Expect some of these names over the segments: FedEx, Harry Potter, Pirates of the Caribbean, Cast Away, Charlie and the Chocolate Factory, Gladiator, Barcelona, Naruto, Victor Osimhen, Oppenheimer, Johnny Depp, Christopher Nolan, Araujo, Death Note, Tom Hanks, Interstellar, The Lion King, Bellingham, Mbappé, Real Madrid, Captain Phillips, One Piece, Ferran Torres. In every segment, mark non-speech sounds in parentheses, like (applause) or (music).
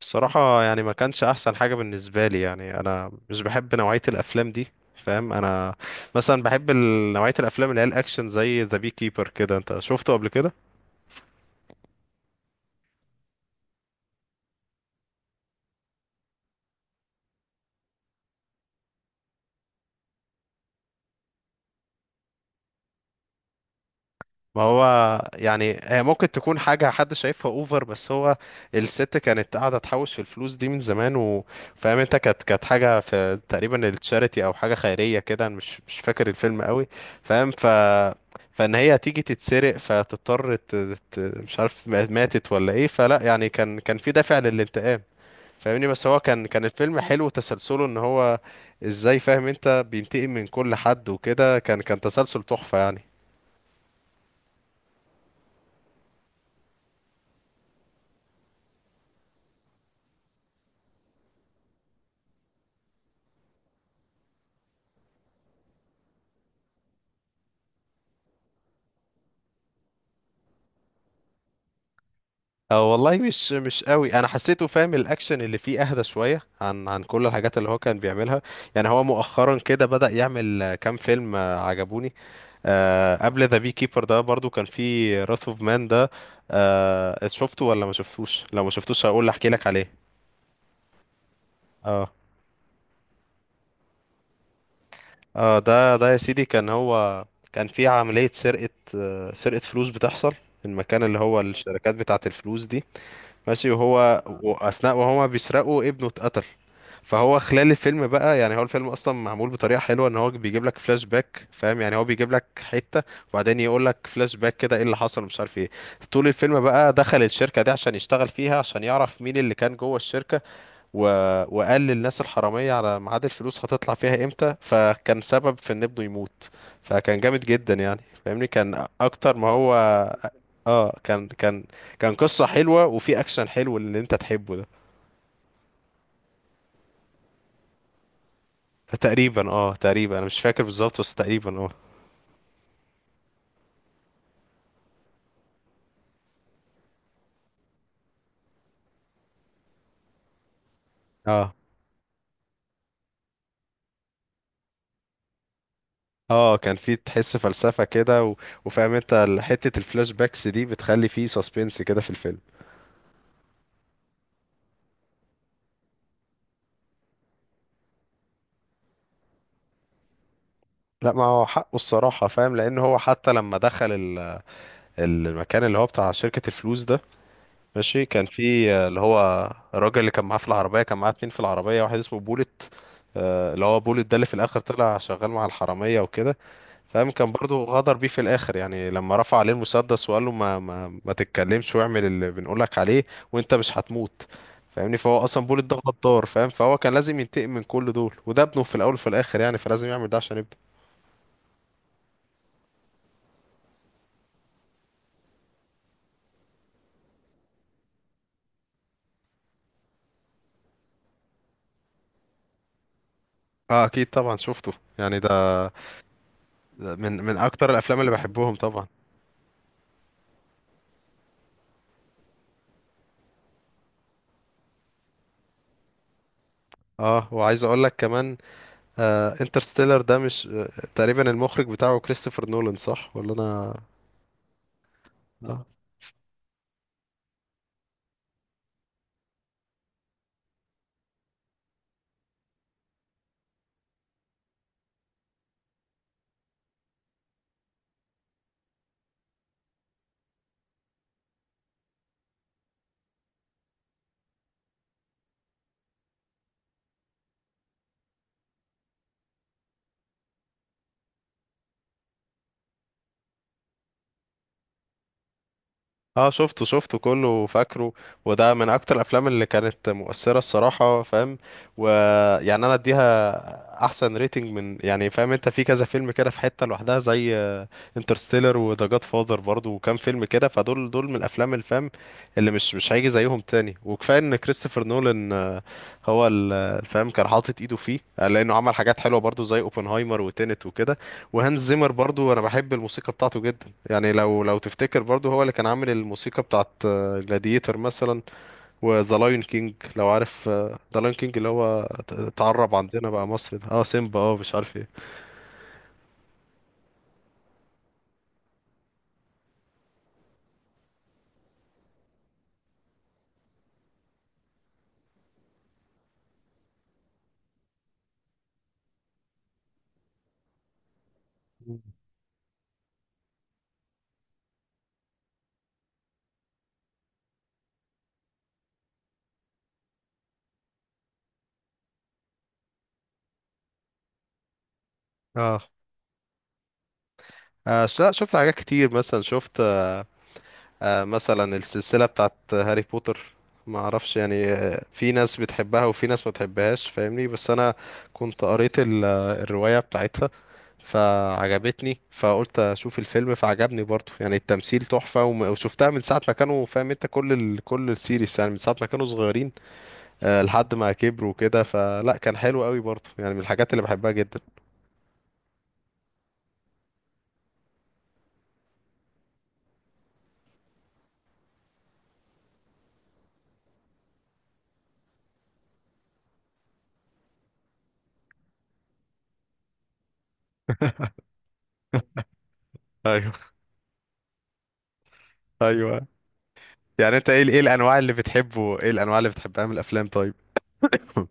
الصراحة يعني ما كانش أحسن حاجة بالنسبة لي، يعني أنا مش بحب نوعية الأفلام دي. فاهم أنا. مثلا بحب نوعية الأفلام اللي هي الأكشن زي ذا بي كيبر كده. أنت شفته قبل كده؟ ما هو يعني هي ممكن تكون حاجة حد شايفها اوفر، بس هو الست كانت قاعدة تحوش في الفلوس دي من زمان، وفاهم انت كانت حاجة في تقريبا التشاريتي او حاجة خيرية كده. أنا مش فاكر الفيلم قوي. فاهم، فان هي تيجي تتسرق فتضطر مش عارف ماتت ولا ايه. فلا يعني كان في دافع للانتقام. فاهمني. بس هو كان الفيلم حلو تسلسله ان هو ازاي، فاهم انت، بينتقم من كل حد وكده. كان تسلسل تحفة يعني. اه والله مش قوي، انا حسيته، فاهم، الاكشن اللي فيه اهدى شويه عن كل الحاجات اللي هو كان بيعملها. يعني هو مؤخرا كده بدأ يعمل كام فيلم عجبوني. قبل ذا بي كيبر ده برضو كان فيه راث اوف مان ده. شفته ولا ما شفتوش؟ لو ما شفتوش هقول احكي لك عليه. اه. اه ده يا سيدي، كان في عملية سرقة، سرقة فلوس بتحصل في المكان اللي هو الشركات بتاعة الفلوس دي. ماشي، وأثناء وهما بيسرقوا ابنه اتقتل. فهو خلال الفيلم بقى، يعني هو الفيلم اصلا معمول بطريقه حلوه ان هو بيجيب لك فلاش باك. فاهم يعني، هو بيجيب لك حته وبعدين يقول لك فلاش باك كده ايه اللي حصل مش عارف ايه. طول الفيلم بقى دخل الشركه دي عشان يشتغل فيها، عشان يعرف مين اللي كان جوه الشركه، و... وقال للناس الحراميه على ميعاد الفلوس هتطلع فيها امتى، فكان سبب في ان ابنه يموت. فكان جامد جدا يعني، فاهمني، كان اكتر ما هو. اه كان قصه حلوه وفي اكشن حلو اللي انت تحبه ده. تقريبا اه، تقريبا انا مش فاكر بالظبط بس تقريبا اه. اه اه كان في تحس فلسفة كده، وفاهم انت حتة الفلاش باكس دي بتخلي فيه سسبنس كده في الفيلم. لا، ما هو حقه الصراحة. فاهم، لان هو حتى لما دخل المكان اللي هو بتاع شركة الفلوس ده. ماشي، كان في اللي هو الراجل اللي كان معاه في العربية، كان معاه اتنين في العربية، واحد اسمه بولت. اللي هو بولت ده اللي في الاخر طلع شغال مع الحرامية وكده. فاهم، كان برضو غدر بيه في الاخر، يعني لما رفع عليه المسدس وقال له ما تتكلمش واعمل اللي بنقولك عليه وانت مش هتموت. فاهمني، فهو اصلا بوليت ده غدار. فاهم، فهو كان لازم ينتقم من كل دول، وده ابنه في الاول وفي الاخر، يعني فلازم يعمل ده عشان ابنه. اه اكيد طبعا شفته. يعني ده، ده من اكتر الافلام اللي بحبهم طبعا. اه وعايز اقول لك كمان، انترستيلر ده مش تقريبا المخرج بتاعه كريستوفر نولان، صح ولا؟ انا اه شفته كله فاكره. وده من اكتر الافلام اللي كانت مؤثره الصراحه. فاهم، ويعني انا اديها احسن ريتنج من، يعني فاهم انت، في كذا فيلم كده في حته لوحدها، زي انترستيلر وذا جاد فاذر برضه وكام فيلم كده. فدول من الافلام الفام اللي مش هيجي زيهم تاني. وكفايه ان كريستوفر نولان هو الفهم كان حاطط ايده فيه، لانه عمل حاجات حلوه برضو زي اوبنهايمر وتينت وكده. وهانز زيمر برضو انا بحب الموسيقى بتاعته جدا، يعني لو تفتكر برضو هو اللي كان عامل الموسيقى بتاعت جلاديتر مثلا، وذا لايون كينج. لو عارف ذا لايون كينج اللي هو اتعرب عندنا بقى مصر، ده سيمبا مش عارف ايه. اه. لا، شفت حاجات كتير. مثلا شفت مثلا السلسلة بتاعت هاري بوتر. ما اعرفش يعني، في ناس بتحبها وفي ناس ما بتحبهاش. فاهمني، بس انا كنت قريت الرواية بتاعتها فعجبتني، فقلت اشوف الفيلم فعجبني برضو. يعني التمثيل تحفة وشفتها من ساعة ما كانوا، فاهم انت، كل كل السيريس يعني من ساعة ما كانوا صغيرين لحد ما كبروا كده. فلا كان حلو قوي برضو، يعني من الحاجات اللي بحبها جدا. (laughs) ايوه، ايوه. يعني انت ايه ايه الانواع اللي بتحبه ايه الانواع اللي بتحبها من الافلام طيب؟ (laughs)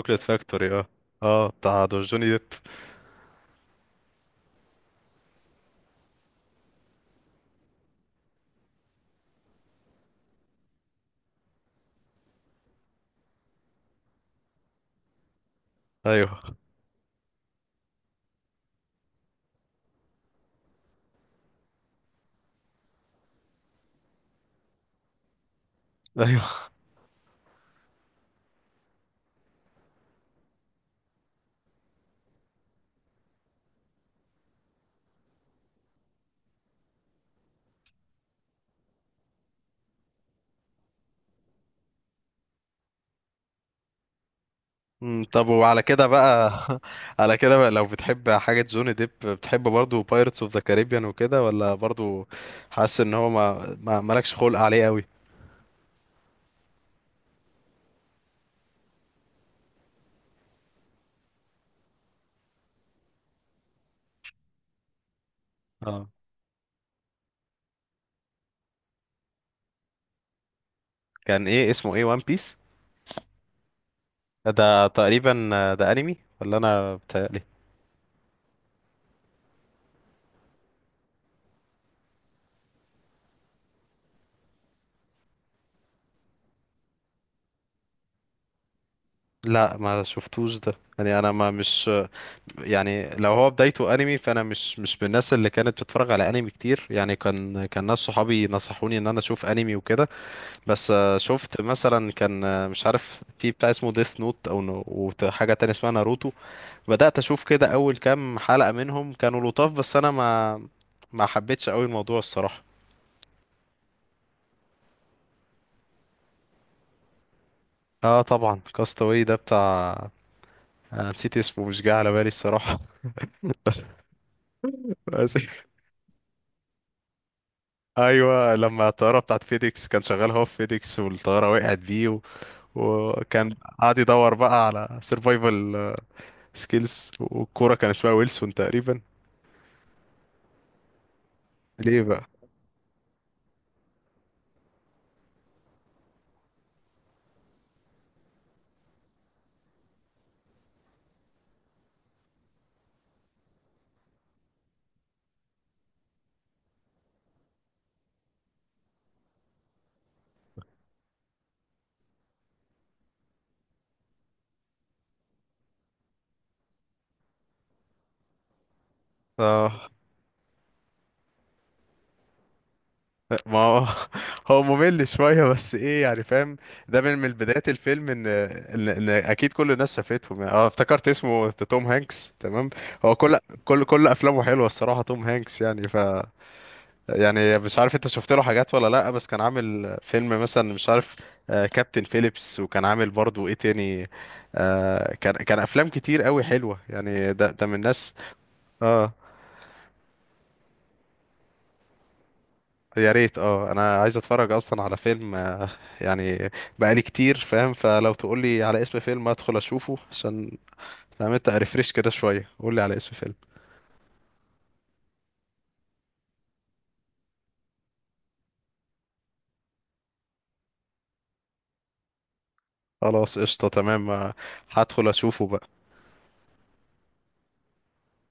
شوكليت فاكتوري، اه. اه، بتاع دور جوني ديب. ايوه، ايوه. طب وعلى كده بقى، (laughs) على كده بقى، لو بتحب حاجة جوني ديب بتحب برضو بايرتس اوف ذا كاريبيان وكده؟ ولا برضو حاسس ان هو ما مالكش خلق عليه قوي؟ اه، كان ايه اسمه؟ ايه وان بيس ده؟ تقريبا ده انمي، ولا انا بتهيألي؟ لا ما شفتوش ده، يعني انا ما مش يعني لو هو بدايته انمي فانا مش من الناس اللي كانت بتتفرج على انمي كتير. يعني كان ناس صحابي نصحوني ان انا اشوف انمي وكده. بس شفت مثلا كان مش عارف في بتاع اسمه ديث نوت، او حاجه تانية اسمها ناروتو. بدات اشوف كده اول كام حلقه منهم، كانوا لطاف، بس انا ما حبيتش قوي الموضوع الصراحه. اه طبعا، كاستاوي ده بتاع نسيت اسمه، مش جاي على بالي الصراحه. (laughs) بس، ايوه. لما الطياره بتاعت فيديكس، كان شغال هو في فيديكس والطياره وقعت بيه وكان قاعد يدور بقى على سرفايفل سكيلز. والكوره كان اسمها ويلسون تقريبا. ليه بقى؟ اه ما هو، (laughs) هو ممل شويه، بس ايه يعني، فاهم، ده من بدايه الفيلم إن اكيد كل الناس شافتهم. يعني اه افتكرت اسمه توم هانكس، تمام. هو كل افلامه حلوه الصراحه، توم هانكس يعني يعني مش عارف انت شفت له حاجات ولا لا، بس كان عامل فيلم مثلا مش عارف، كابتن فيليبس، وكان عامل برضو ايه تاني، كان افلام كتير قوي حلوة يعني. ده ده من الناس. اه يا ريت، انا عايز اتفرج اصلا على فيلم يعني بقالي كتير. فاهم، فلو تقول لي على اسم فيلم ادخل اشوفه عشان، فاهم انت، ريفريش كده شوية. قول لي على اسم فيلم. خلاص قشطة، تمام هدخل اشوفه بقى.